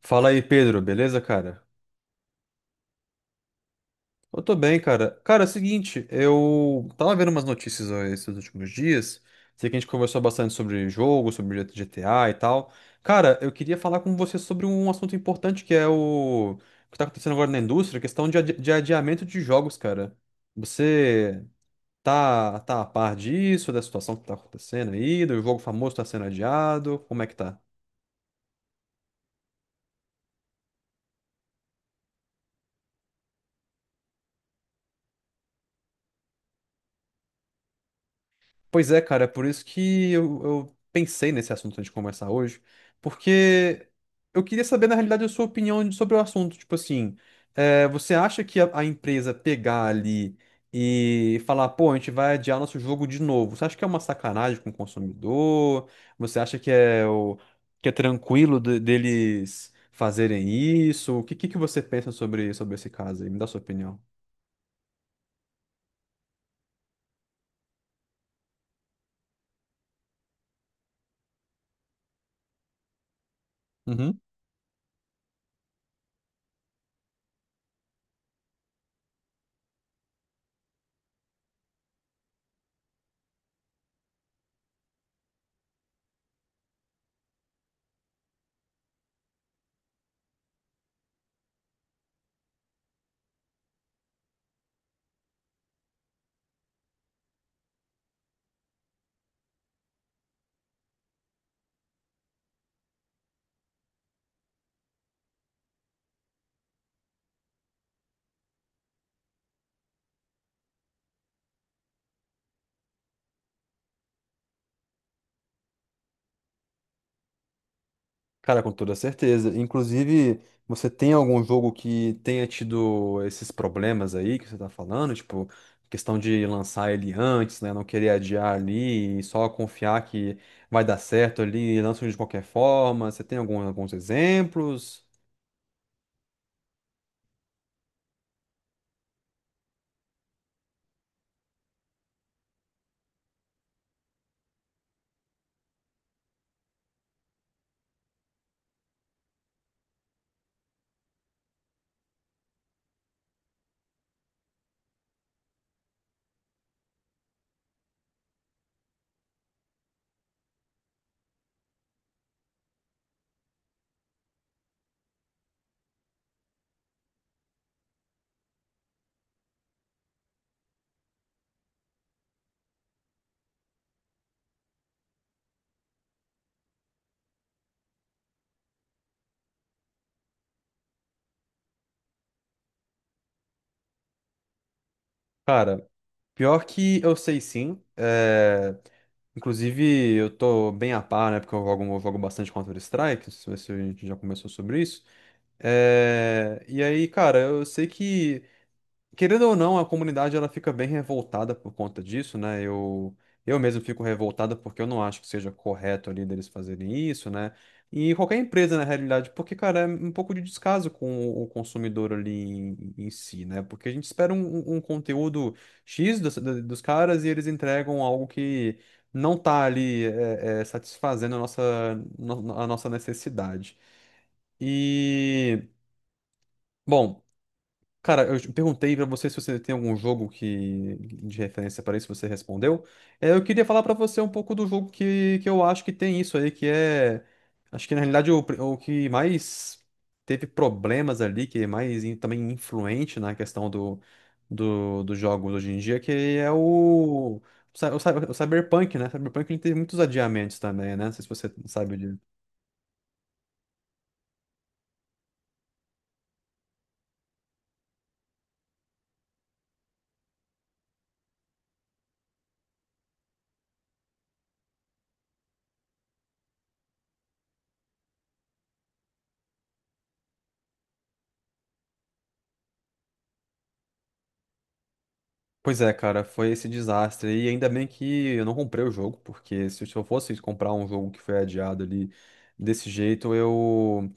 Fala aí, Pedro, beleza, cara? Eu tô bem, cara. Cara, é o seguinte, eu tava vendo umas notícias ó, esses últimos dias. Sei que a gente conversou bastante sobre jogo, sobre GTA e tal. Cara, eu queria falar com você sobre um assunto importante que é o que tá acontecendo agora na indústria, questão de, adiamento de jogos, cara. Você tá a par disso, da situação que tá acontecendo aí, do jogo famoso tá sendo adiado? Como é que tá? Pois é, cara, é por isso que eu pensei nesse assunto antes de conversar hoje, porque eu queria saber, na realidade, a sua opinião sobre o assunto. Tipo assim, você acha que a empresa pegar ali e falar, pô, a gente vai adiar nosso jogo de novo, você acha que é uma sacanagem com o consumidor? Você acha que é tranquilo deles fazerem isso? O que você pensa sobre esse caso aí? Me dá sua opinião. Cara, com toda certeza. Inclusive, você tem algum jogo que tenha tido esses problemas aí que você tá falando? Tipo, questão de lançar ele antes, né? Não querer adiar ali e só confiar que vai dar certo ali, lança de qualquer forma. Você tem algum, alguns exemplos? Cara, pior que eu sei sim. Inclusive, eu tô bem a par, né? Porque eu jogo bastante Counter-Strike. Não sei se a gente já começou sobre isso. E aí, cara, eu sei que. Querendo ou não, a comunidade ela fica bem revoltada por conta disso, né? Eu mesmo fico revoltada porque eu não acho que seja correto ali deles fazerem isso, né? E qualquer empresa, na realidade, porque, cara, é um pouco de descaso com o consumidor ali em si, né? Porque a gente espera um conteúdo X dos caras e eles entregam algo que não tá ali satisfazendo a nossa necessidade. E, bom. Cara, eu te perguntei pra você se você tem algum jogo que de referência para isso, você respondeu. Eu queria falar pra você um pouco do jogo que eu acho que tem isso aí, acho que na realidade o que mais teve problemas ali, que é mais também influente na questão dos jogos hoje em dia, que é o Cyberpunk, né? Cyberpunk ele teve muitos adiamentos também, né? Não sei se você sabe. Pois é, cara, foi esse desastre. E ainda bem que eu não comprei o jogo, porque se eu fosse comprar um jogo que foi adiado ali desse jeito, eu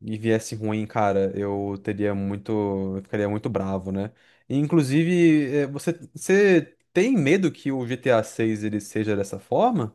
e viesse ruim, cara, eu ficaria muito bravo, né? E, inclusive, você tem medo que o GTA 6 ele seja dessa forma?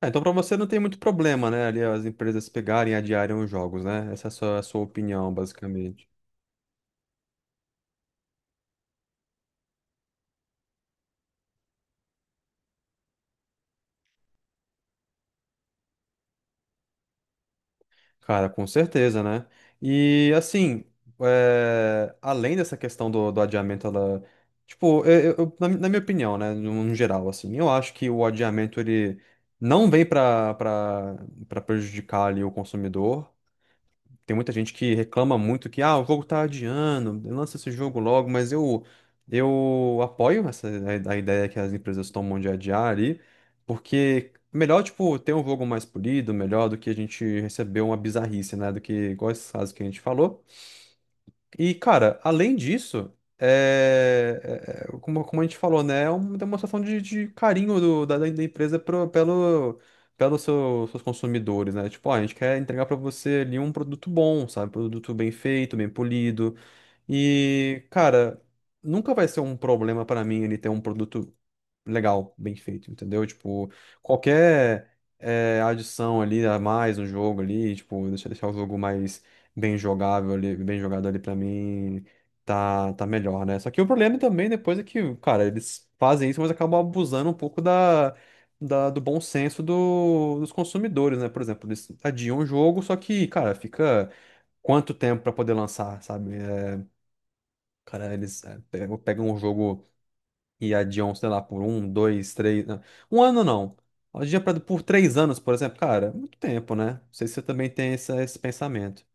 Ah, então pra você não tem muito problema, né? Ali as empresas pegarem e adiarem os jogos, né? Essa é a sua opinião, basicamente. Cara, com certeza, né? E assim, além dessa questão do adiamento, ela. Tipo, na minha opinião, né? No geral, assim, eu acho que o adiamento ele não vem para prejudicar ali o consumidor. Tem muita gente que reclama muito que, ah, o jogo tá adiando, lança esse jogo logo, mas eu apoio a ideia que as empresas tomam de adiar ali, porque melhor, tipo, ter um jogo mais polido, melhor do que a gente receber uma bizarrice, né? Do que, igual esses casos que a gente falou. E, cara, além disso, como a gente falou, né? É uma demonstração de carinho da empresa pelos seus consumidores, né? Tipo, ó, a gente quer entregar pra você ali um produto bom, sabe? Produto bem feito, bem polido. E, cara, nunca vai ser um problema pra mim ele ter um produto legal, bem feito, entendeu? Tipo, qualquer adição ali a mais no jogo ali, tipo, deixar o jogo mais bem jogável ali, bem jogado ali pra mim, tá melhor, né? Só que o problema também depois é que, cara, eles fazem isso, mas acabam abusando um pouco do bom senso dos consumidores, né? Por exemplo, eles adiam o jogo, só que, cara, fica quanto tempo pra poder lançar, sabe? Cara, eles pegam um jogo e adiam, sei lá, por um, dois, três. Não, um ano não. Adia pra, por três anos, por exemplo. Cara, é muito tempo, né? Não sei se você também tem esse pensamento.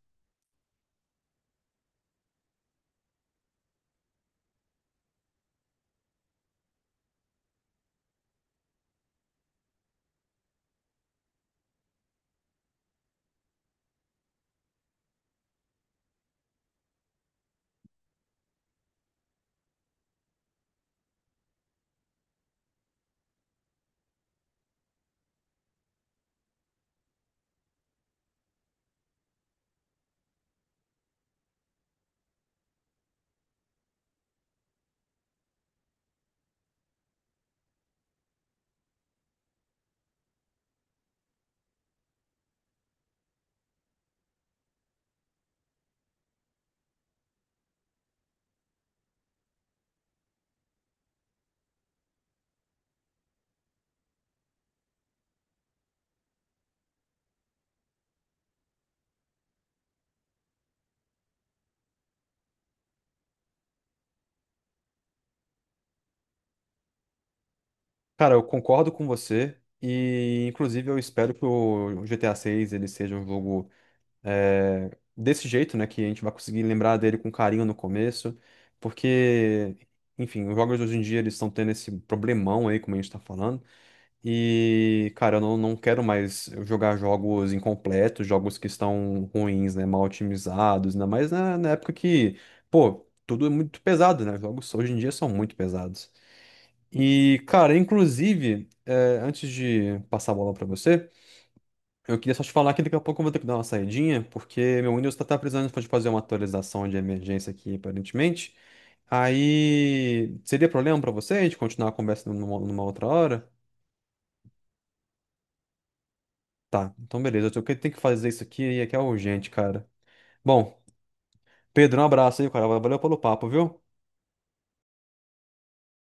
Cara, eu concordo com você. E, inclusive, eu espero que o GTA VI ele seja um jogo é, desse jeito, né? Que a gente vai conseguir lembrar dele com carinho no começo. Porque, enfim, os jogos hoje em dia eles estão tendo esse problemão aí, como a gente tá falando. E, cara, eu não quero mais jogar jogos incompletos, jogos que estão ruins, né? Mal otimizados, ainda mais na época que, pô, tudo é muito pesado, né? Jogos hoje em dia são muito pesados. E, cara, inclusive, antes de passar a bola pra você, eu queria só te falar que daqui a pouco eu vou ter que dar uma saidinha, porque meu Windows tá precisando de fazer uma atualização de emergência aqui, aparentemente. Aí, seria problema pra você a gente continuar a conversa numa outra hora? Tá, então beleza. Eu tenho que fazer isso aqui e aqui é urgente, cara. Bom, Pedro, um abraço aí, cara. Valeu pelo papo, viu?